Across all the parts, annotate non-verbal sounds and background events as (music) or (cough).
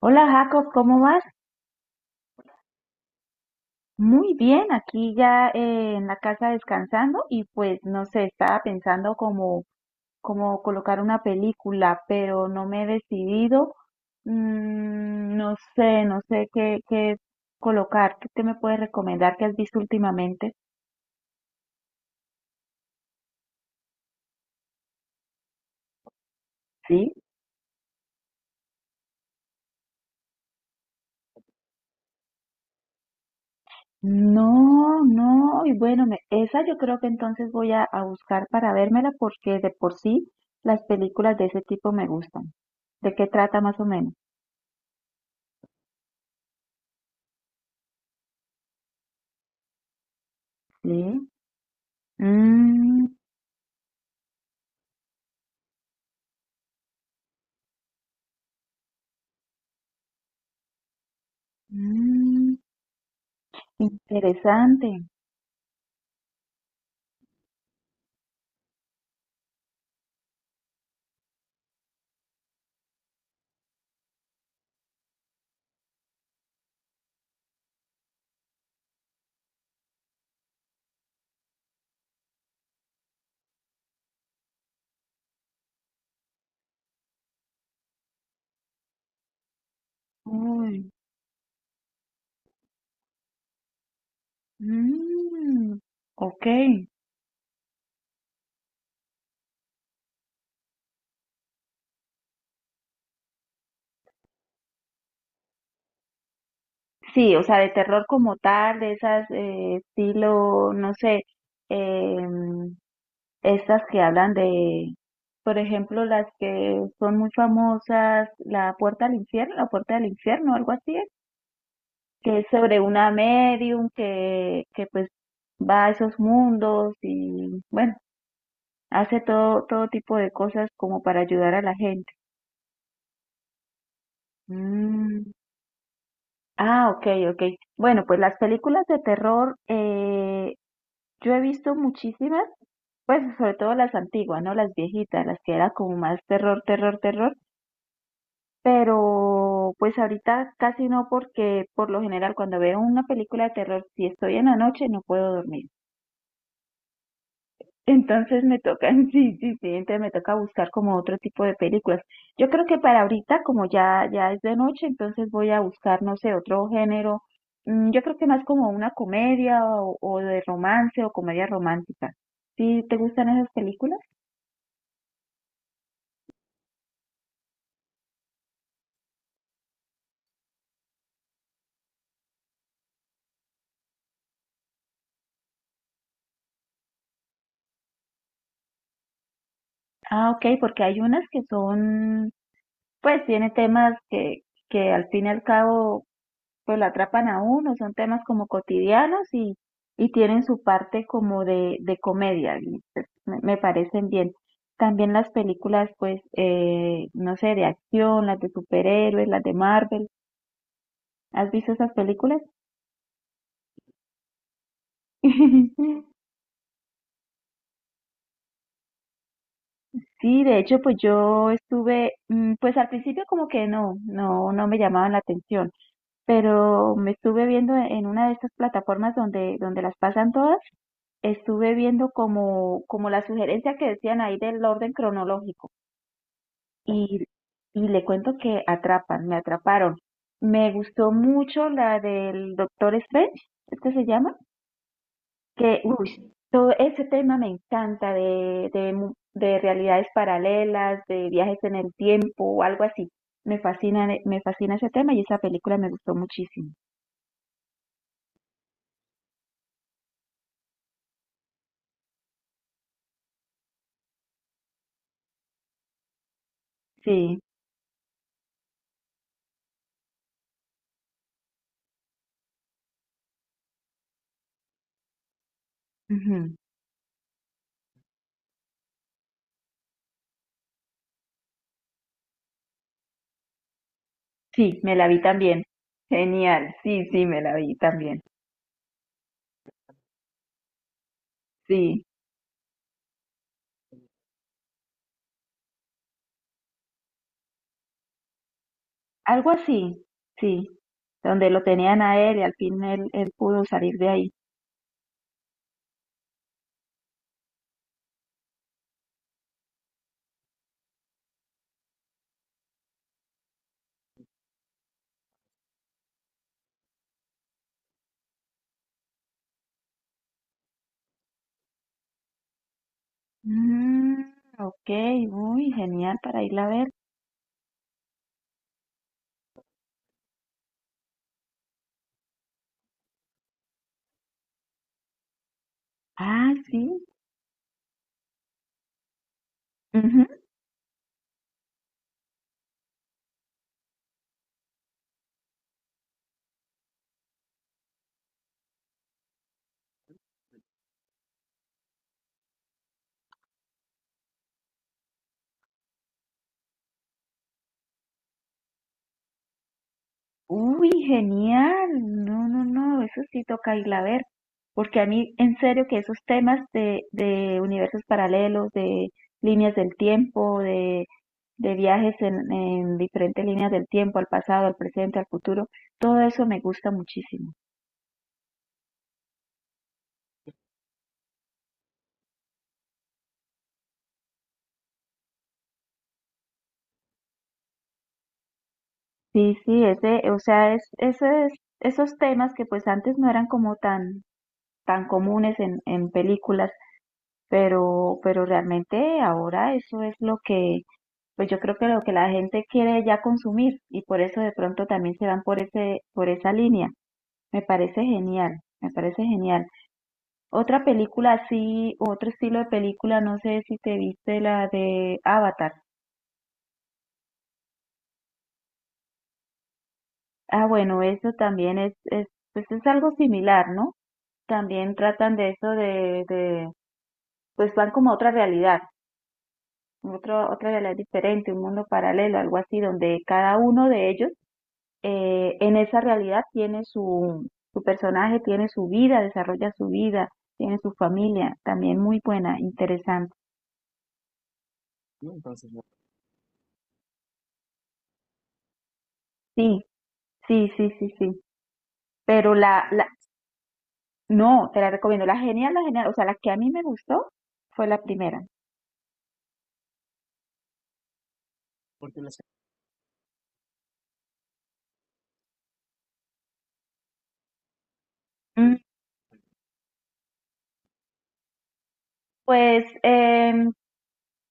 Hola Jacob, ¿cómo vas? Muy bien, aquí ya en la casa descansando y pues no sé, estaba pensando como colocar una película, pero no me he decidido. No sé, no sé qué colocar. ¿Qué te me puedes recomendar que has visto últimamente? Sí. No, no, y bueno, esa yo creo que entonces voy a buscar para vérmela porque de por sí las películas de ese tipo me gustan. ¿De qué trata más o menos? Sí. Mm, mm, interesante. Uy, mm, ok. Sí, o sea, de terror como tal, de esas estilo, no sé, em, estas que hablan de, por ejemplo, las que son muy famosas, La Puerta al Infierno, La Puerta del Infierno, algo así, que es sobre una medium que pues va a esos mundos y bueno, hace todo, todo tipo de cosas como para ayudar a la gente. Mm. Ah, ok, ok. Bueno, pues las películas de terror, yo he visto muchísimas, pues sobre todo las antiguas, ¿no? Las viejitas, las que era como más terror, terror, terror. Pero pues ahorita casi no porque por lo general cuando veo una película de terror, si estoy en la noche no puedo dormir. Entonces me toca, (laughs) sí, sí, sí, entonces me toca buscar como otro tipo de películas. Yo creo que para ahorita, como ya es de noche, entonces voy a buscar, no sé, otro género. Mm, yo creo que más como una comedia o de romance o comedia romántica. ¿Sí te gustan esas películas? Ah, ok, porque hay unas que son, pues tiene temas que al fin y al cabo pues lo atrapan a uno, son temas como cotidianos y tienen su parte como de comedia, y, pues, me parecen bien. También las películas, pues, no sé, de acción, las de superhéroes, las de Marvel. ¿Has visto esas películas? (laughs) Sí, de hecho, pues yo estuve, pues al principio como que no me llamaban la atención, pero me estuve viendo en una de estas plataformas donde las pasan todas, estuve viendo como la sugerencia que decían ahí del orden cronológico y, y le cuento que atrapan, me atraparon. Me gustó mucho la del Doctor Strange, ¿es que se llama? Que, uy, todo ese tema me encanta de de realidades paralelas, de viajes en el tiempo o algo así. Me fascina ese tema y esa película me gustó muchísimo. Sí, ujú. Sí, me la vi también. Genial, sí, sí, me la vi también. Sí. Algo así, sí, donde lo tenían a él y al fin él pudo salir de ahí. Mm, ok, uy, genial para irla a ver. Ah, sí. Ujú. Uy, genial. No, no, no, eso sí toca irla a ver. Porque a mí, en serio, que esos temas de universos paralelos, de líneas del tiempo, de viajes en diferentes líneas del tiempo, al pasado, al presente, al futuro, todo eso me gusta muchísimo. Sí, sí, ese es esos temas que pues antes no eran como tan comunes en películas, pero realmente ahora eso es lo que, pues yo creo que lo que la gente quiere ya consumir y por eso de pronto también se van por por esa línea. Me parece genial, me parece genial. Otra película así, otro estilo de película, no sé si te viste la de Avatar. Ah, bueno, eso también es, pues es algo similar, ¿no? También tratan de eso de pues van como a otra realidad, otra realidad diferente, un mundo paralelo, algo así, donde cada uno de ellos en esa realidad tiene su personaje, tiene su vida, desarrolla su vida, tiene su familia, también muy buena, interesante. Sí, sí, sí, sí, sí. Pero no, te la recomiendo, la genial, o sea, la que a mí me gustó fue la primera. Mm, pues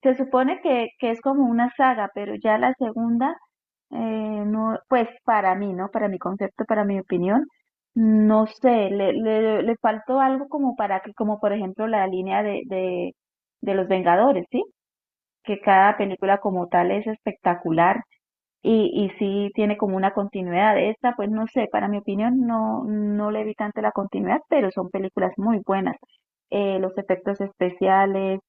se supone que es como una saga, pero ya la segunda no, pues para mí, ¿no? Para mi concepto, para mi opinión, no sé, le faltó algo como para que, como por ejemplo la línea de los Vengadores, ¿sí? Que cada película como tal es espectacular y sí tiene como una continuidad. De esta, pues no sé, para mi opinión no le vi tanto la continuidad, pero son películas muy buenas. Los efectos especiales,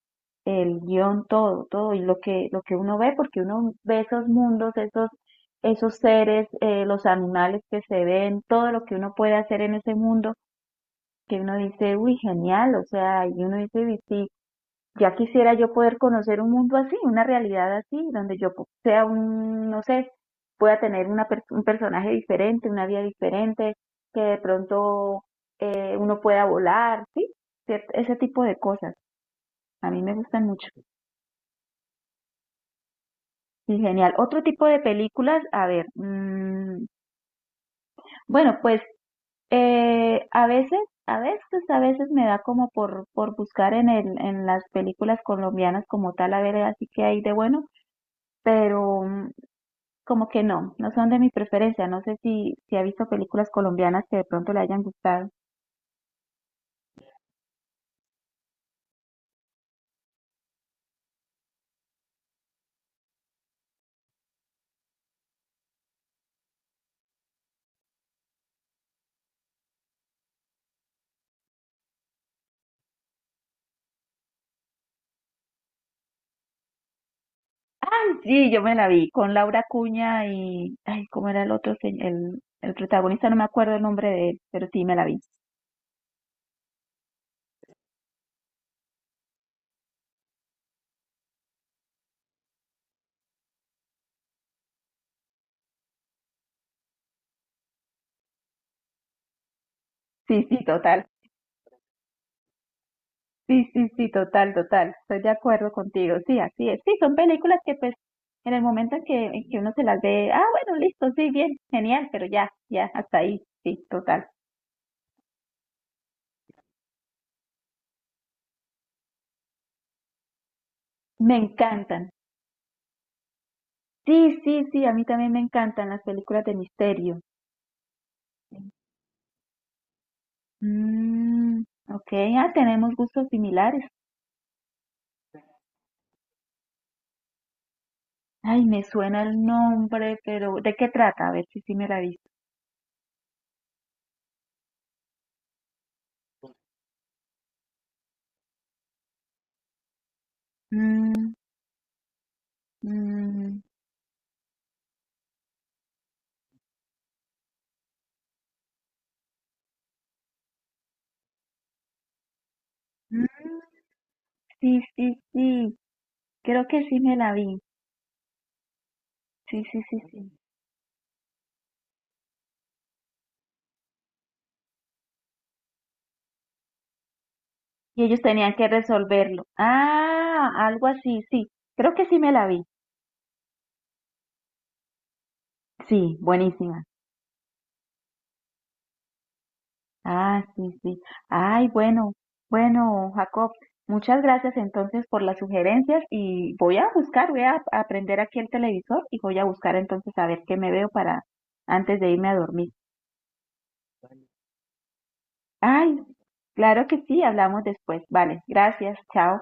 el guión, todo, todo, y lo que uno ve, porque uno ve esos mundos, esos seres, los animales que se ven, todo lo que uno puede hacer en ese mundo, que uno dice, uy, genial, o sea, y uno dice, "Uy, sí, ya quisiera yo poder conocer un mundo así, una realidad así, donde yo sea un, no sé, pueda tener un personaje diferente, una vida diferente, que de pronto uno pueda volar, sí, ese tipo de cosas. A mí me gustan mucho. Sí, genial. Otro tipo de películas, a ver, mm, bueno, pues a veces, a veces, a veces me da como por buscar en en las películas colombianas como tal, a ver, así que hay de bueno, pero mm, como que no son de mi preferencia. No sé si ha visto películas colombianas que de pronto le hayan gustado. Ay, sí, yo me la vi con Laura Cuña y, ay, ¿cómo era el otro, el protagonista? No me acuerdo el nombre de él, pero sí me la vi. Sí, sí, total. Sí, sí, sí, total, total. Estoy de acuerdo contigo. Sí, así es. Sí, son películas que pues en el momento en que uno se las ve, ah, bueno, listo, sí, bien, genial, pero ya, ya, hasta ahí. Sí, total. Me encantan. Sí, sí, sí, a mí también me encantan las películas de misterio. Mm, ok, ah, tenemos gustos similares. Ay, me suena el nombre, pero ¿de qué trata? A ver si sí me la he visto. Mm, mm, mm, sí, sí, sí, creo que sí me la vi. Sí, sí, sí, sí. Y ellos tenían que resolverlo. Ah, algo así, sí. Creo que sí me la vi. Sí, buenísima. Ah, sí, sí. Ay, bueno, bueno, Jacob, muchas gracias entonces por las sugerencias y voy a buscar, voy a prender aquí el televisor y voy a buscar entonces a ver qué me veo para antes de irme a dormir. Ay, claro que sí, hablamos después. Vale, gracias, chao.